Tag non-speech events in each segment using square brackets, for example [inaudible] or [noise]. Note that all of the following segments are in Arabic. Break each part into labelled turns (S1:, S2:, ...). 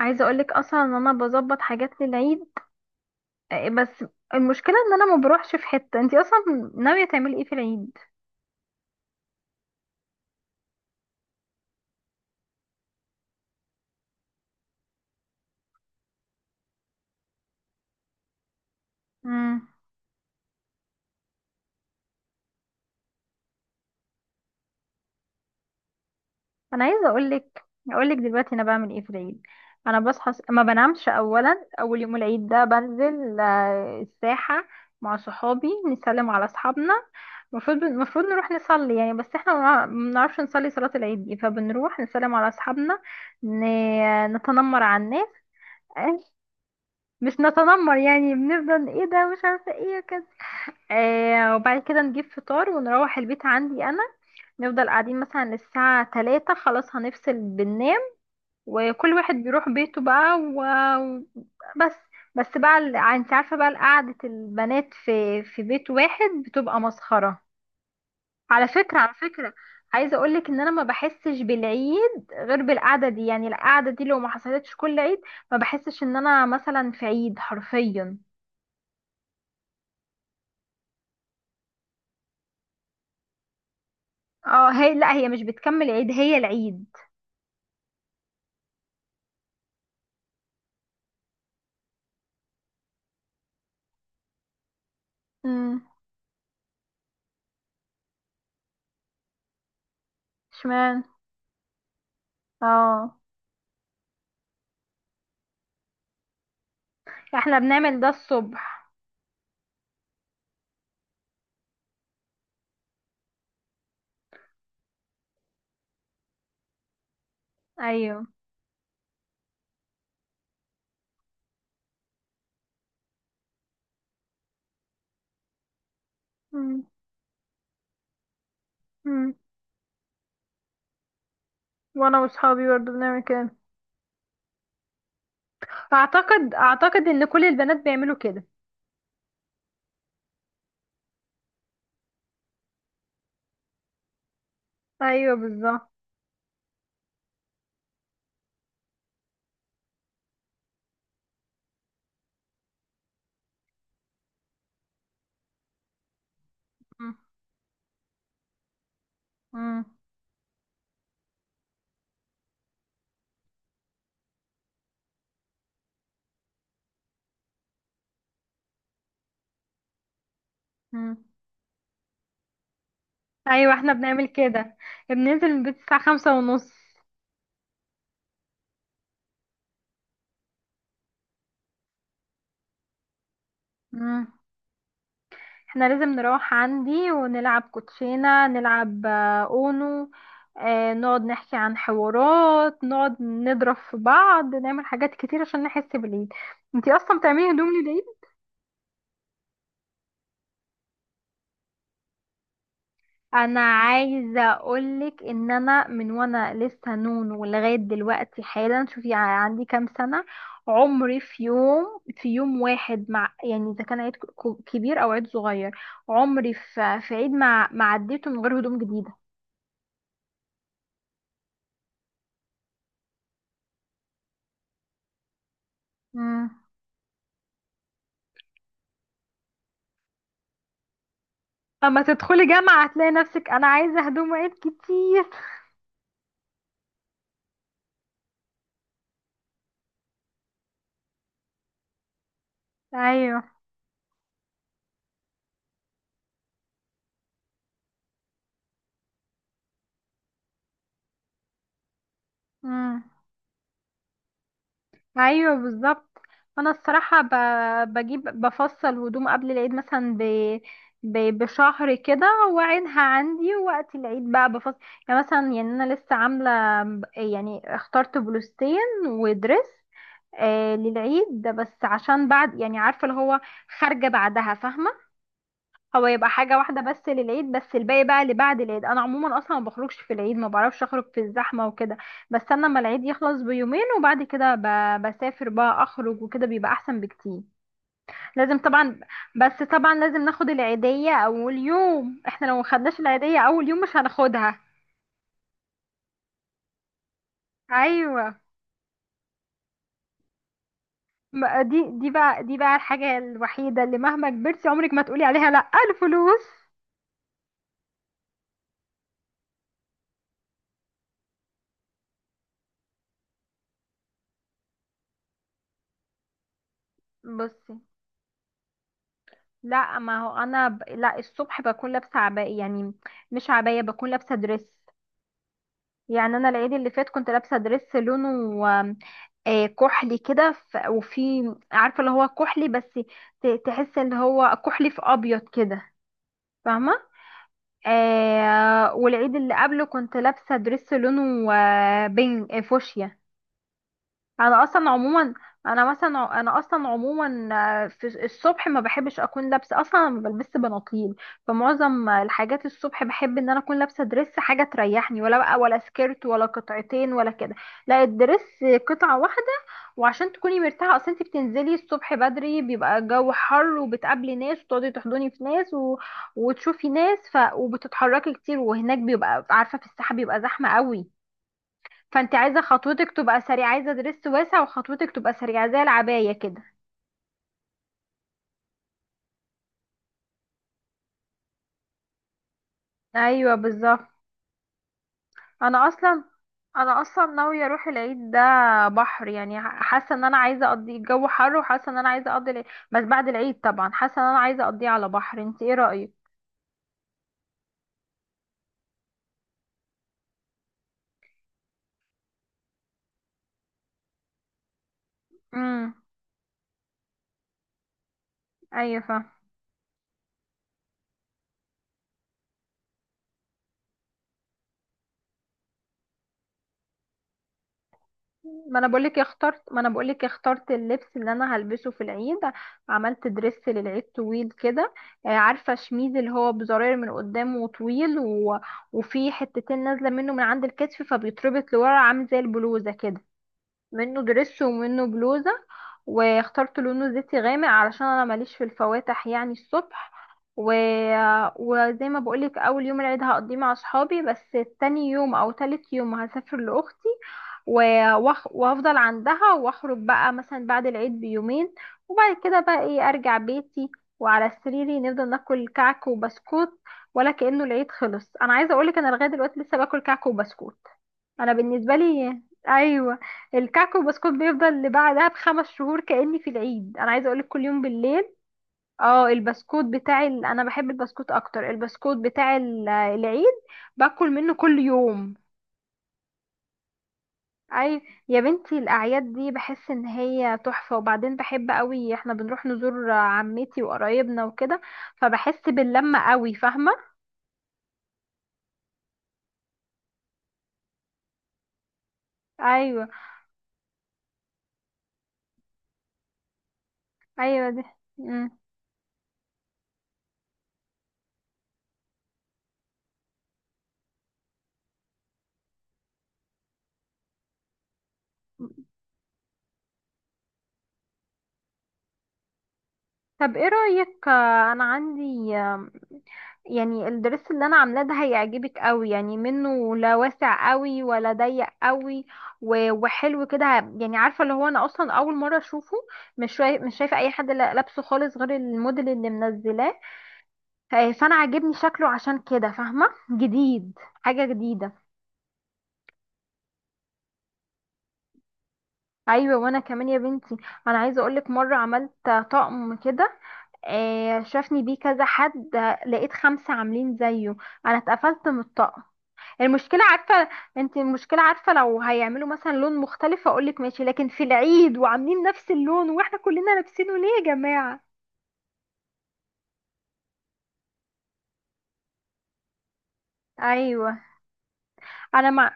S1: عايزه اقولك اصلا ان انا بظبط حاجات للعيد. بس المشكله ان انا ما بروحش في حته. انتي اصلا ناويه تعملي ايه في العيد؟ امم. انا عايزه اقولك دلوقتي انا بعمل ايه في العيد. انا بصحى، ما بنامش. اولا اول يوم العيد ده بنزل الساحه مع صحابي، نسلم على اصحابنا. المفروض نروح نصلي يعني، بس احنا ما بنعرفش نصلي صلاة العيد دي، فبنروح نسلم على اصحابنا. نتنمر على الناس [laughs] مش نتنمر يعني، بنفضل ايه ده مش عارفه ايه كده. وبعد كده نجيب فطار ونروح البيت عندي انا. نفضل قاعدين مثلا للساعة 3، خلاص هنفصل بننام، وكل واحد بيروح بيته بقى. وبس. بس بقى انت عارفة بقى قعدة البنات في بيت واحد بتبقى مسخرة. على فكرة، على فكرة، عايزة اقولك ان انا ما بحسش بالعيد غير بالقعدة دي. يعني القعدة دي لو ما حصلتش كل عيد، ما بحسش ان انا مثلا في عيد حرفيا. اه، هي لا، هي مش بتكمل عيد، هي العيد. امم. اشمعنى؟ اه. احنا بنعمل ده الصبح. ايوه. مم. مم. وانا واصحابي برضه بنعمل كده. اعتقد ان كل البنات بيعملوا كده. ايوه، بالظبط. مم. مم. مم. ايوه، احنا بنعمل كده. بننزل من البيت الساعه 5:30. مم. احنا لازم نروح عندي ونلعب كوتشينة، نلعب اونو، نقعد نحكي عن حوارات، نقعد نضرب في بعض، نعمل حاجات كتير عشان نحس بالعيد. انتي اصلا بتعملي هدوم للعيد؟ انا عايزه اقولك ان انا من وانا لسه نون ولغايه دلوقتي حالا، شوفي، عندي كام سنه، عمري في يوم واحد مع، يعني اذا كان عيد كبير او عيد صغير، عمري في عيد ما عديته من غير هدوم جديده. اما تدخلي جامعة هتلاقي نفسك انا عايزة هدوم عيد كتير. ايوه. امم. ايوه، بالظبط. انا الصراحة بفصل هدوم قبل العيد، مثلا بشهر كده، واعينها عندي، ووقت العيد بقى بفصل. يعني مثلا، يعني انا لسه عاملة، يعني اخترت بلوستين ودرس للعيد ده، بس عشان بعد، يعني عارفة اللي هو خارجة بعدها فاهمة. هو يبقى حاجة واحدة بس للعيد، بس الباقي بقى اللي بعد العيد، انا عموما اصلا ما بخرجش في العيد، ما بعرفش اخرج في الزحمة وكده. بستنى اما العيد يخلص بيومين وبعد كده بسافر بقى، اخرج وكده بيبقى احسن بكتير. لازم طبعا. بس طبعا لازم ناخد العيدية اول يوم، احنا لو ما خدناش العيدية اول يوم مش هناخدها. ايوه. دي بقى الحاجة الوحيدة اللي مهما كبرتي، عمرك ما تقولي عليها لا، الفلوس. بصي، لا، ما هو انا لا، الصبح بكون لابسه عباية، يعني مش عباية، بكون لابسه دريس. يعني انا العيد اللي فات كنت لابسه دريس لونه كحلي كده، وفي، عارفه اللي هو كحلي بس تحس ان هو كحلي في ابيض كده فاهمه. والعيد اللي قبله كنت لابسه دريس لونه بين فوشيا. انا اصلا عموما، انا مثلا انا اصلا عموما، في الصبح ما بحبش اكون لابسه، اصلا ما بلبس بناطيل. فمعظم الحاجات الصبح بحب ان انا اكون لابسه دريس، حاجه تريحني، ولا بقى، ولا سكيرت ولا قطعتين ولا كده، لا، الدريس قطعه واحده. وعشان تكوني مرتاحه، اصل انت بتنزلي الصبح بدري، بيبقى الجو حر، وبتقابلي ناس وتقعدي تحضني في ناس وتشوفي ناس، وبتتحركي كتير، وهناك بيبقى عارفه في الساحه بيبقى زحمه قوي. فانت عايزه خطوتك تبقى سريعه، عايزه درس واسع وخطوتك تبقى سريعه زي العبايه كده. ايوه، بالظبط. انا اصلا انا اصلا ناويه اروح العيد ده بحر، يعني حاسه ان انا عايزه اقضي الجو حر، وحاسه ان انا عايزه اقضي العيد، بس بعد العيد طبعا حاسه ان انا عايزه اقضيه على بحر. انت ايه رايك؟ امم. ايوه، فاهمة. ما انا بقولك اخترت اللبس اللي انا هلبسه في العيد. عملت درس للعيد طويل كده. عارفه شميز اللي هو بزراير من قدام وطويل وفي حتتين نازله منه من عند الكتف، فبيتربط لورا عامل زي البلوزه كده، منه دريس ومنه بلوزة. واخترت لونه زيتي غامق علشان انا ماليش في الفواتح يعني الصبح. و... وزي ما بقولك، اول يوم العيد هقضيه مع اصحابي بس، تاني يوم او تالت يوم هسافر لاختي، و... وافضل عندها، واخرج بقى مثلا بعد العيد بيومين، وبعد كده بقى ايه، ارجع بيتي، وعلى سريري نفضل ناكل كعك وبسكوت، ولا كأنه العيد خلص. انا عايزه اقولك، انا لغايه دلوقتي لسه باكل كعك وبسكوت. انا بالنسبه لي. ايوه. الكعك والبسكوت بيفضل اللي بعدها بخمس شهور كاني في العيد، انا عايزه اقولك كل يوم بالليل. اه، البسكوت بتاع انا بحب البسكوت اكتر، البسكوت بتاع العيد، باكل منه كل يوم. اي، يا بنتي الاعياد دي بحس ان هي تحفه، وبعدين بحب قوي. احنا بنروح نزور عمتي وقرايبنا وكده، فبحس باللمه قوي فاهمه. ايوه. ايوه دي. مم. طب ايه رايك؟ انا عندي، يعني الدرس اللي انا عاملاه ده هيعجبك قوي، يعني منه لا واسع قوي ولا ضيق قوي وحلو كده. يعني عارفه اللي هو انا اصلا اول مره اشوفه، مش شايفه اي حد لابسه خالص غير الموديل اللي منزلاه، فانا عاجبني شكله عشان كده فاهمه، جديد، حاجه جديده. ايوه. وانا كمان يا بنتي، انا عايزه اقولك مره عملت طقم كده، شافني بيه كذا حد، لقيت 5 عاملين زيه. انا اتقفلت من الطقم. المشكلة عارفة انت المشكلة عارفة لو هيعملوا مثلا لون مختلف اقولك ماشي، لكن في العيد وعاملين نفس اللون واحنا كلنا لابسينه، ليه يا جماعة؟ ايوه. انا ما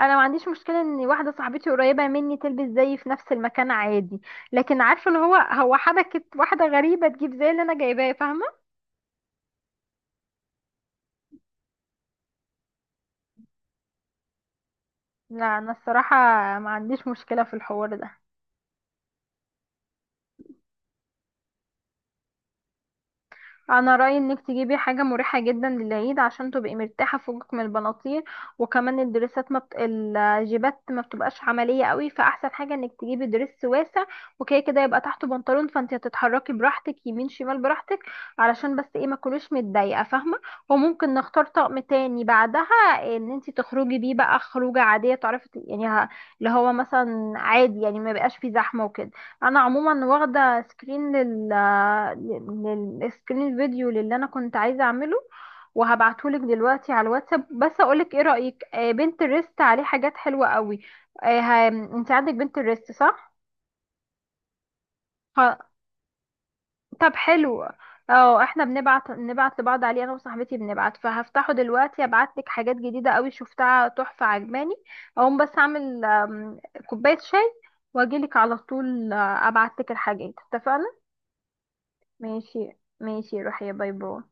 S1: انا ما عنديش مشكلة ان واحدة صاحبتي قريبة مني تلبس زيي في نفس المكان عادي، لكن عارفة اللي هو حبكت واحدة غريبة تجيب زي اللي انا جايباه فاهمة. لا، انا الصراحة ما عنديش مشكلة في الحوار ده. انا رايي انك تجيبي حاجه مريحه جدا للعيد عشان تبقي مرتاحه، فوقك من البناطيل، وكمان الدريسات ما بت... الجيبات ما بتبقاش عمليه قوي، فاحسن حاجه انك تجيبي دريس واسع، وكده كده يبقى تحته بنطلون. فانت هتتحركي براحتك، يمين شمال براحتك، علشان بس ايه ما تكونيش متضايقه فاهمه. وممكن نختار طقم تاني بعدها، ان انت تخرجي بيه بقى خروجه عاديه، تعرفي يعني اللي هو مثلا عادي، يعني ما بقاش فيه زحمه وكده. انا عموما واخده سكرين للسكرين فيديو للي انا كنت عايزه اعمله، وهبعتهولك دلوقتي على الواتساب. بس اقولك ايه رايك؟ بنترست عليه حاجات حلوه قوي. انت عندك بنترست صح؟ ه- طب حلو. اه، احنا نبعت لبعض عليه، انا وصاحبتي بنبعت، فهفتحه دلوقتي، ابعتلك حاجات جديده قوي شفتها تحفه عجباني. اقوم بس اعمل كوبايه شاي واجيلك على طول، ابعتلك الحاجات اتفقنا. ماشي. ماشي، روحي. باي باي.